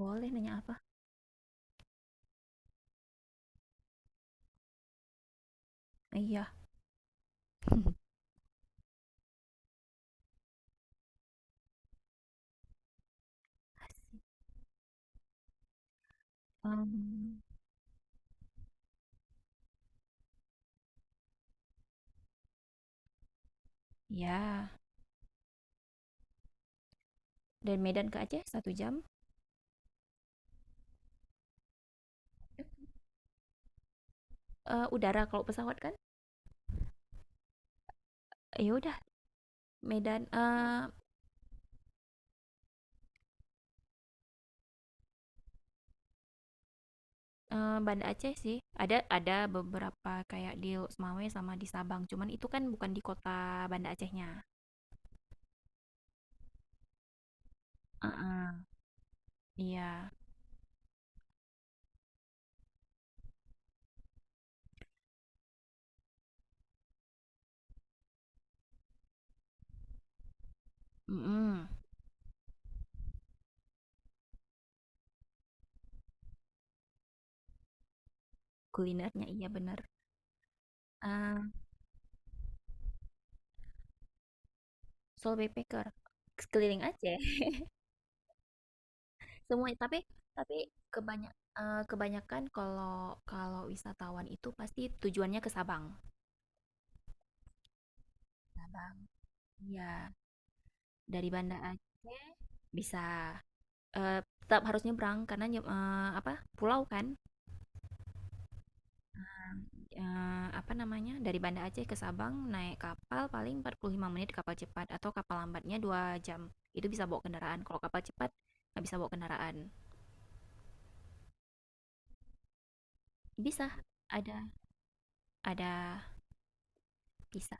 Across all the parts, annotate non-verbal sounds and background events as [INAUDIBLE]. Boleh nanya apa? Iya. [LAUGHS] Asik. Mmm, ya, dari Medan ke Aceh 1 jam, udara kalau pesawat kan? Ya udah Medan eee eee, Banda Aceh sih. Ada beberapa kayak di Lok sama di Sabang, cuman itu kan bukan di kota Banda Acehnya. Heeh, iya, mhm, kulinernya iya bener. Eee, Soul Backpacker, sekeliling Aceh. Semua tapi kebanyak kebanyakan kalau kalau wisatawan itu pasti tujuannya ke Sabang. Sabang. Iya, dari Banda Aceh bisa eh, tetap harus nyebrang karena eh, apa? Pulau kan. Eh, apa namanya? Dari Banda Aceh ke Sabang naik kapal paling 45 menit kapal cepat atau kapal lambatnya 2 jam. Itu bisa bawa kendaraan. Kalau kapal cepat nggak bisa bawa kendaraan. Bisa ada ada bisa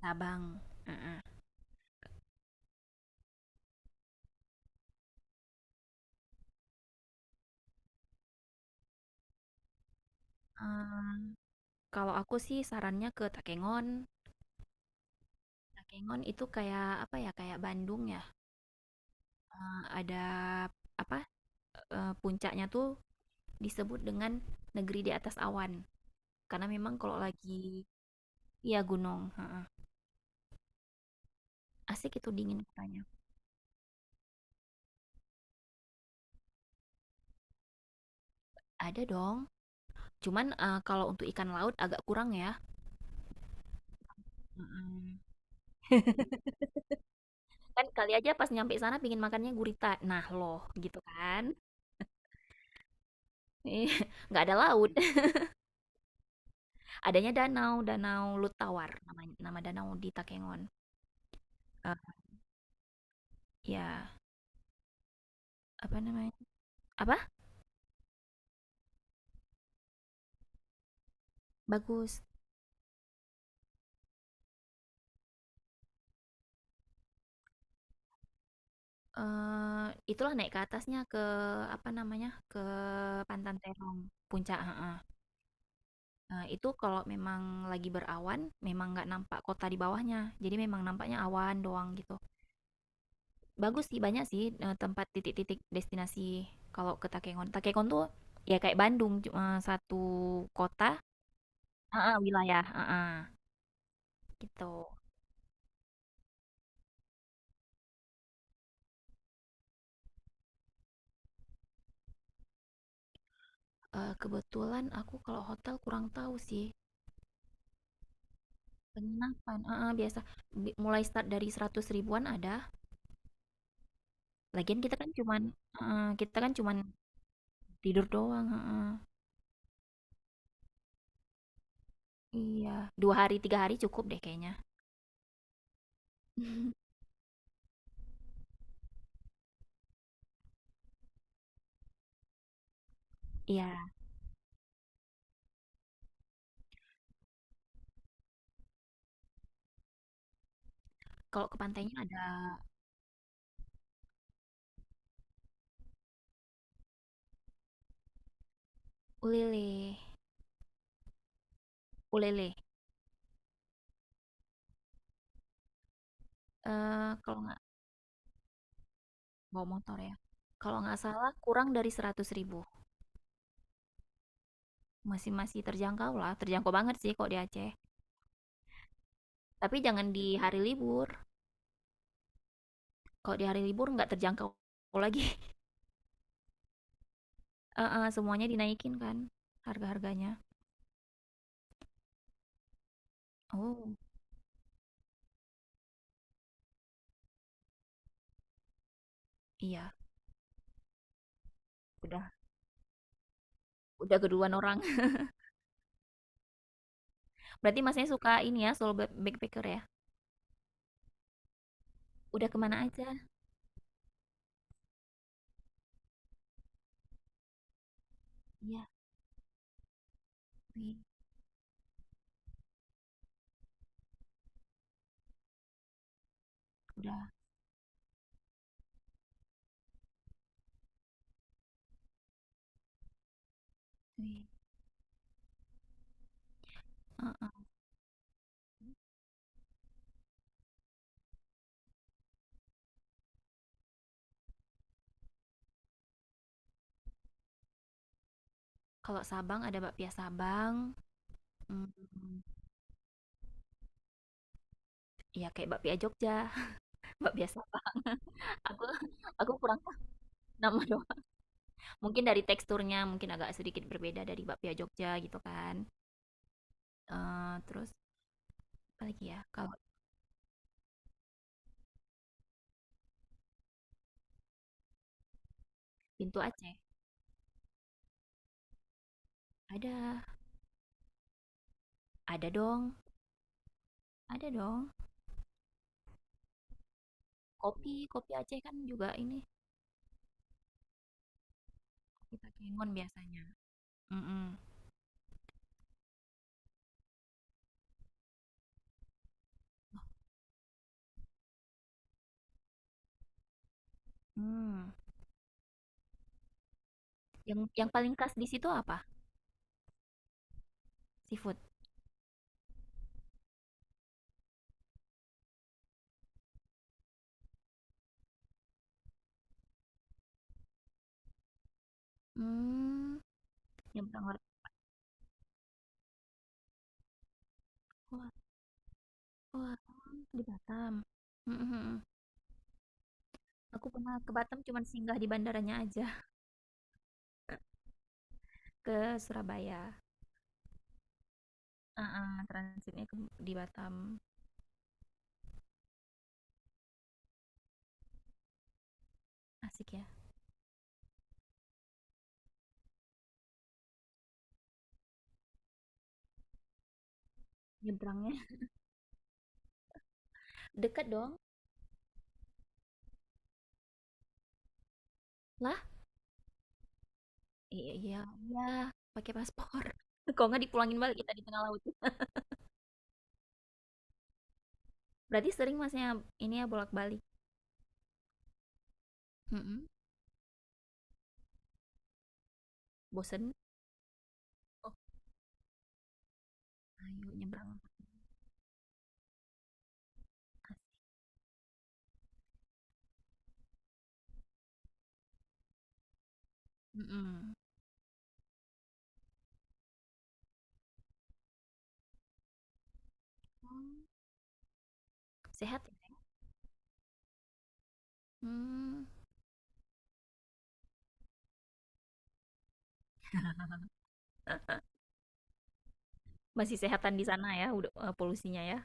Sabang. Heeh. Eh, kalau aku sih sarannya ke Takengon. Takengon itu kayak apa ya, kayak Bandung ya. Eh, ada apa? Puncaknya tuh disebut dengan negeri di atas awan. Karena memang kalau lagi iya gunung, heeh. Asik itu dingin kotanya. Ada dong. Cuman kalau untuk ikan laut agak kurang ya. Heeh. Kan kali aja pas nyampe sana pingin makannya gurita. Nah, loh gitu kan. Iya, [LAUGHS] nggak ada laut. [LAUGHS] Adanya danau, danau Lutawar namanya, nama danau di Takengon. Eh, Ya. Apa namanya? Apa? Bagus. Itulah naik ke atasnya, ke apa namanya, ke Pantan Terong, puncak heeh. Nah, itu kalau memang lagi berawan, memang nggak nampak kota di bawahnya, jadi memang nampaknya awan doang gitu. Bagus sih, banyak sih, tempat titik-titik destinasi kalau ke Takengon. Takengon tuh ya kayak Bandung, cuma satu kota heeh, wilayah heeh, gitu. Kebetulan aku kalau hotel kurang tahu sih. Penginapan, heeh, biasa mulai start dari 100 ribuan ada, lagian kita kan cuman heeh, kita kan cuman tidur doang, heeh. Iya, 2 hari, 3 hari cukup deh kayaknya. [LAUGHS] Iya, kalau ke pantainya ada ulele ulele, eee, kalau nggak bawa motor ya. Kalau nggak salah kurang dari 100 ribu masih masih terjangkau lah, terjangkau banget sih kok di Aceh, tapi jangan di hari libur, kalau di hari libur nggak terjangkau lagi [LAUGHS] heeh, semuanya dinaikin kan harga-harganya. Oh. Iya, udah udah keduluan orang. [LAUGHS] Berarti Masnya suka ini ya, solo backpacker ya? Udah kemana aja? Iya, wih, udah, wih. Kalau Sabang ada bakpia Sabang, hmm, ya kayak bakpia Jogja, [LAUGHS] bakpia Sabang. Aku aku kurang tahu nama doang. Mungkin dari teksturnya mungkin agak sedikit berbeda dari bakpia Jogja gitu kan. Eh, terus apa lagi ya? Kalau pintu Aceh ada, ada dong, ada dong. Kopi Aceh kan juga ini kopi pakai ngon biasanya. Mm-mm. Hmm. Yang paling khas di situ apa? Seafood? Mmm, nyebrang laut. Wah wah, oh, di Batam. Mhm mhm. Aku pernah ke Batam cuman singgah di bandaranya aja, [LAUGHS] ke Surabaya. Heeh, transitnya ke di Batam. Asik ya, nyebrangnya. [LAUGHS] Dekat dong. Lah? Iya iya iya, pakai paspor. [LAUGHS] Kok nggak dipulangin balik kita di tengah laut. Berarti sering Masnya ini ya bolak-balik? Mhm, bosen? Oh, ayo nyebrang. Mhm. Oh, sehat ya? Mmm. Masih sehatan di sana ya, udah polusinya ya?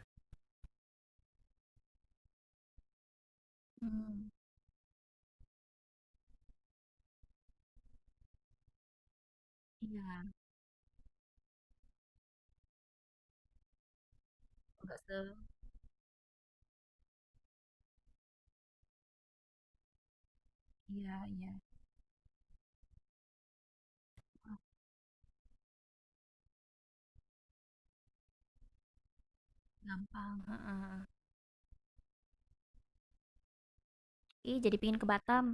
Mmm, iya, Nggak se iya iya, heeh, gampang. Heeh. Ih, jadi pingin ke Batam.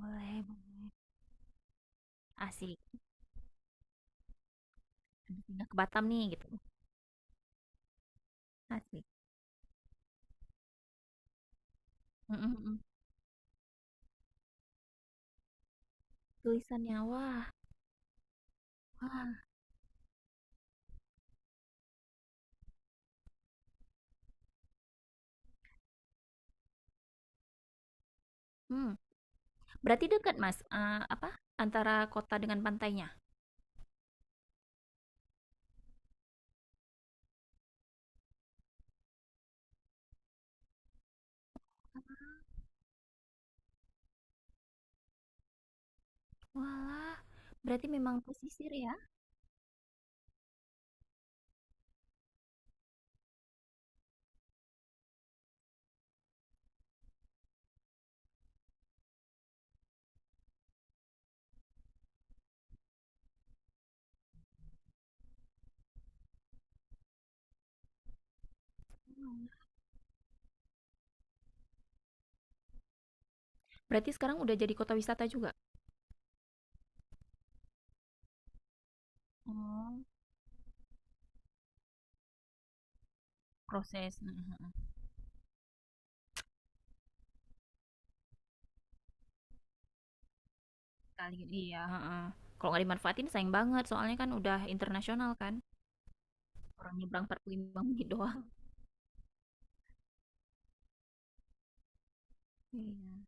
Boleh boleh. Asik, habis pindah ke Batam nih gitu. Asik. Mhm mhm. Tulisannya, wah. Wah. Mmm, berarti dekat Mas, apa, antara kota dengan pantainya? Walah, berarti memang pesisir ya? Berarti sekarang udah jadi kota wisata juga? Oh, proses, mhm mhm. Kali iya. Heeh. Kalau nggak dimanfaatin sayang banget, soalnya kan udah internasional kan. Orang nyebrang 45 menit doang. Iya.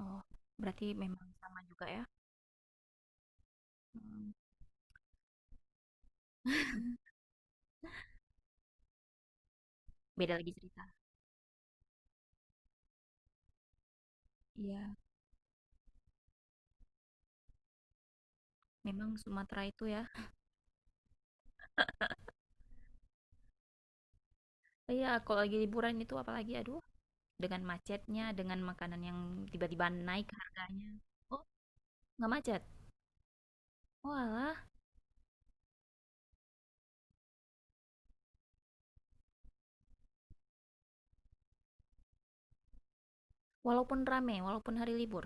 Oh, berarti memang sama juga ya. Hmm, Beda lagi cerita. Iya, memang Sumatera itu ya. Iya, kalau lagi liburan itu apalagi aduh, dengan macetnya, dengan makanan yang tiba-tiba naik harganya. Oh, nggak macet. Walah, walaupun rame, walaupun hari libur.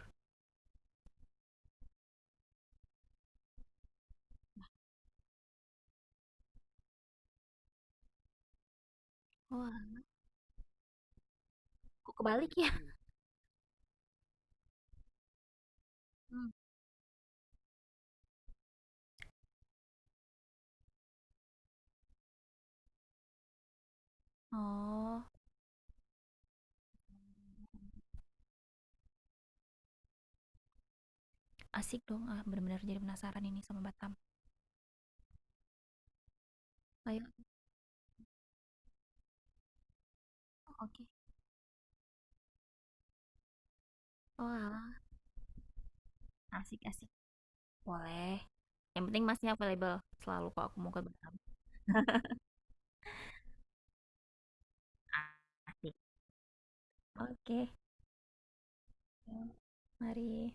Wah, kok kebalik ya? Hmm. Oh, asik dong. Ah, benar-benar jadi penasaran ini sama Batam. Ayo, oke. Oh, alah. Asik-asik. Boleh. Yang penting masnya available selalu kok aku mau ke Batam. Asik. Oke. Mari.